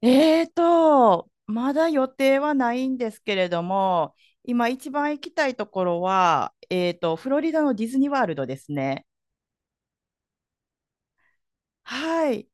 まだ予定はないんですけれども、今一番行きたいところは、フロリダのディズニーワールドですね。はい。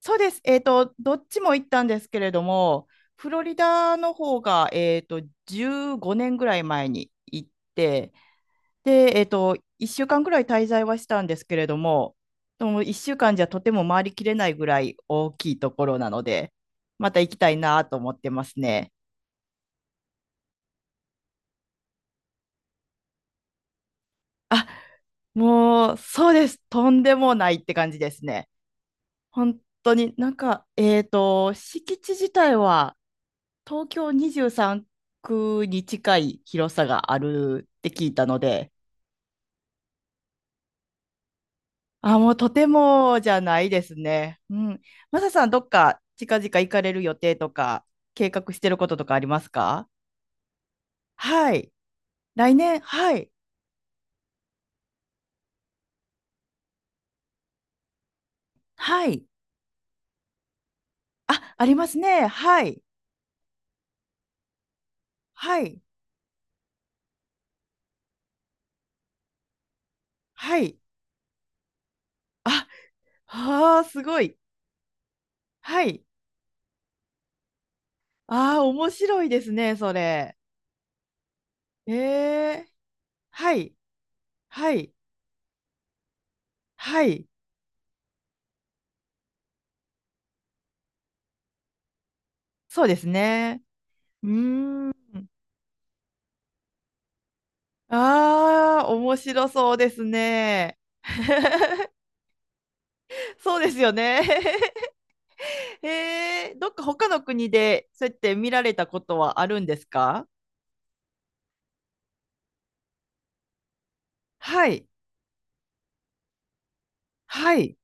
そうです。どっちも行ったんですけれども、フロリダの方が、15年ぐらい前に行って、で、1週間ぐらい滞在はしたんですけれども、でも1週間じゃとても回りきれないぐらい大きいところなので、また行きたいなと思ってますね。もう、そうです。とんでもないって感じですね。本当に、なんか、敷地自体は東京23区に近い広さがあるって聞いたので、あ、もうとてもじゃないですね。うん。マサさん、どっか近々行かれる予定とか、計画してることとかありますか？はい。来年、はい。はい。あ、ありますね。はい。はい。はい。あ、はあ、すごい。はい。ああ、面白いですね、それ。ええ、はい、はい、はい、そうですね。うーん。ああ、面白そうですね。そうですよね。ええ、どっか他の国でそうやって見られたことはあるんですか？はい、はい、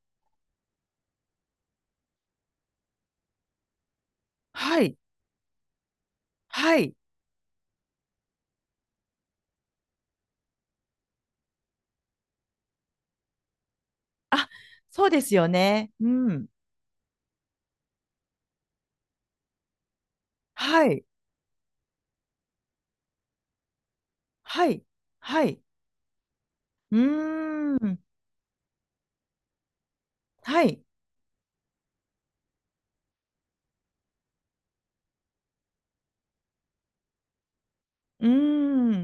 はい、はい。あ、そうですよね。うん。はい、はい、はい。うーん。はい。うー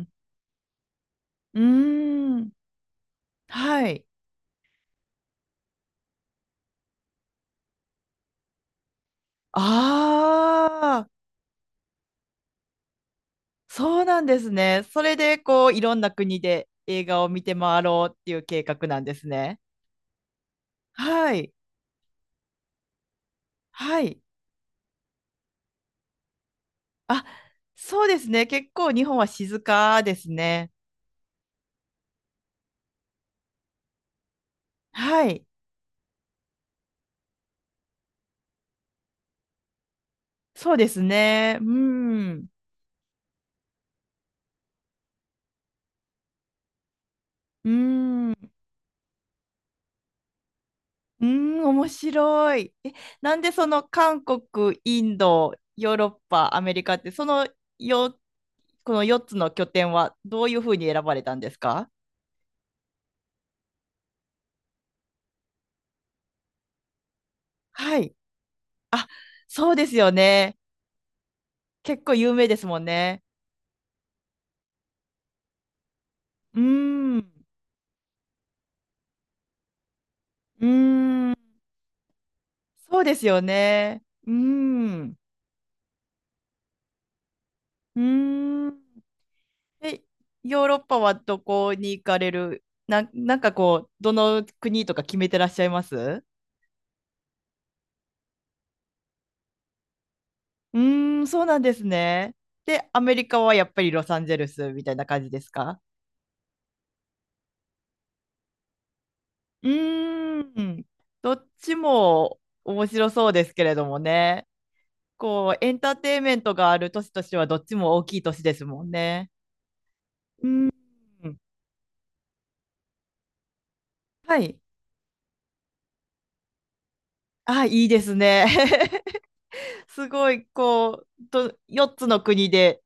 ん。うーん、はい。ああ、そうなんですね。それで、こう、いろんな国で映画を見て回ろうっていう計画なんですね。はい、はい。あ、そうですね。結構日本は静かですね。はい、そうですね。うん、うん、うん、面白い。え、なんでその韓国、インド、ヨーロッパ、アメリカって、そのよ、この4つの拠点はどういうふうに選ばれたんですか？はい。そうですよね。結構有名ですもんね。うーん。うーん。そうですよね。うーん。うーん。え、ヨーロッパはどこに行かれるな、なんかこう、どの国とか決めてらっしゃいますうーん、そうなんですね。で、アメリカはやっぱりロサンゼルスみたいな感じですか？うーん。どっちも面白そうですけれどもね。構エンターテインメントがある年としてはどっちも大きい年ですもんね。うん。はい。あ、いいですね。すごい、こう、4つの国で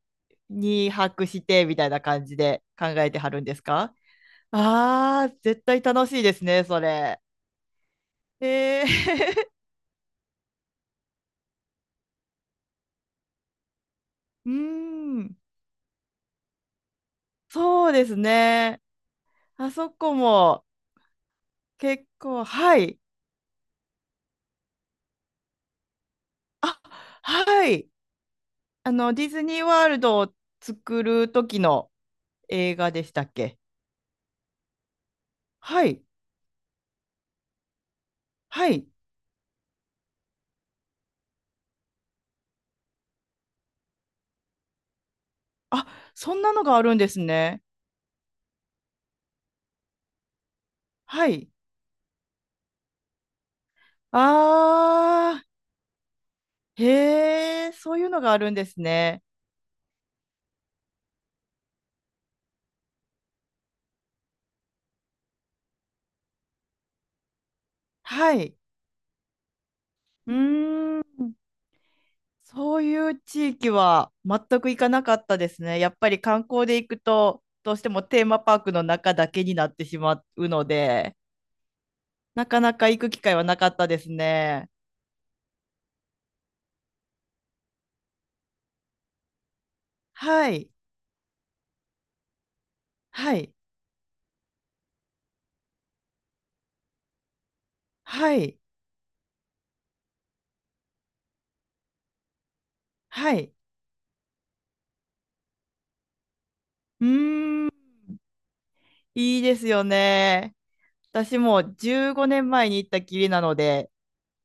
に泊してみたいな感じで考えてはるんですか？ああー、絶対楽しいですね、それ。えー うーん、そうですね。あそこも結構、はい。あ、はい。ディズニーワールドを作る時の映画でしたっけ？はい。はい。あ、そんなのがあるんですね。はい。あー、へえ、そういうのがあるんですね。はい。うーん。そういう地域は全く行かなかったですね。やっぱり観光で行くと、どうしてもテーマパークの中だけになってしまうので、なかなか行く機会はなかったですね。はい。はい。はい。はい。うーん。いいですよね。私もう15年前に行ったきりなので、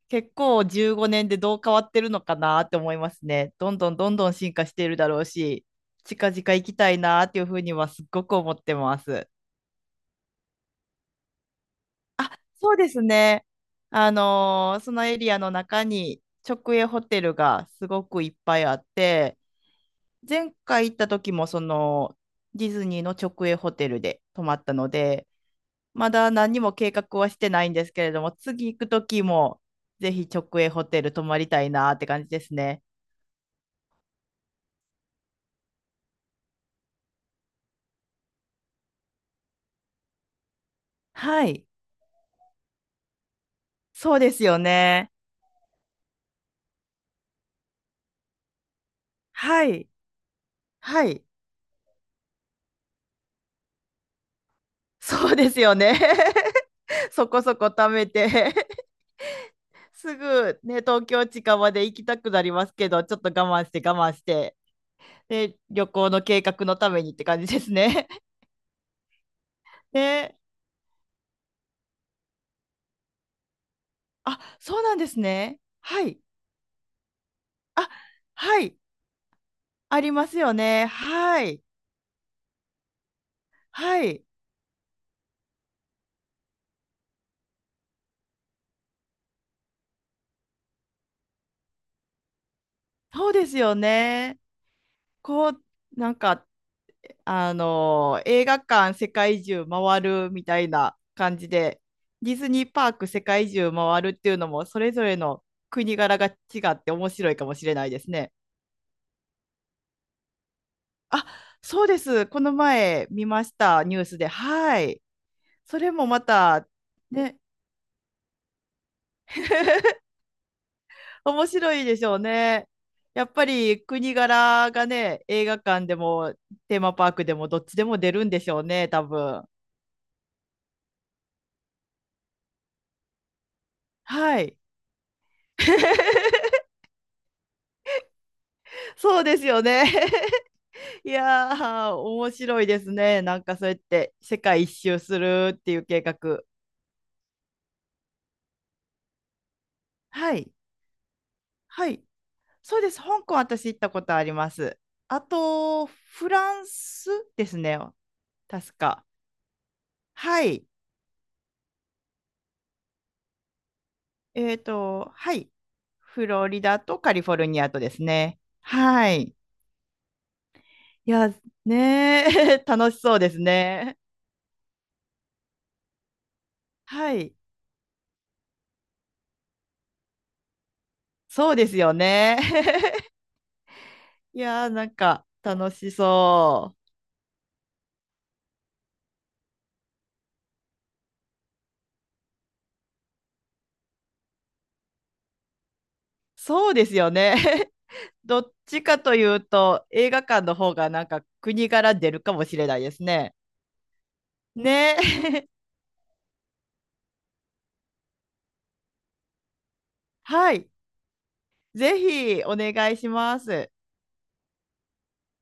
結構15年でどう変わってるのかなって思いますね。どんどんどんどん進化しているだろうし、近々行きたいなっていうふうにはすっごく思ってます。そうですね。そのエリアの中に直営ホテルがすごくいっぱいあって、前回行った時もそのディズニーの直営ホテルで泊まったので、まだ何も計画はしてないんですけれども、次行くときも、ぜひ直営ホテル泊まりたいなって感じですね。はい。そうですよね。はい。はい。そうですよね。そこそこ貯めて すぐね、東京近場で行きたくなりますけど、ちょっと我慢して我慢して、で、旅行の計画のためにって感じですね。ね、あ、そうなんですね。はい。あ、はい。ありますよね。はい。はい。そうですよね。こう、なんか、あの映画館世界中回るみたいな感じで、ディズニーパーク世界中回るっていうのも、それぞれの国柄が違って面白いかもしれないですね。あ、そうです。この前見ました、ニュースで。はい。それもまた、ね、面白いでしょうね。やっぱり国柄がね、映画館でもテーマパークでもどっちでも出るんでしょうね、多分。はい。そうですよね。いやー、面白いですね。なんかそうやって世界一周するっていう計画。はい。はい。そうです。香港私行ったことあります。あと、フランスですね。確か。はい。はい。フロリダとカリフォルニアとですね。はい。いや、ねー 楽しそうですね。はい。そうですよね。いやー、なんか楽しそう。そうですよね。どっちかというと、映画館の方がなんか国柄出るかもしれないですね。ね。はい。ぜひお願いします。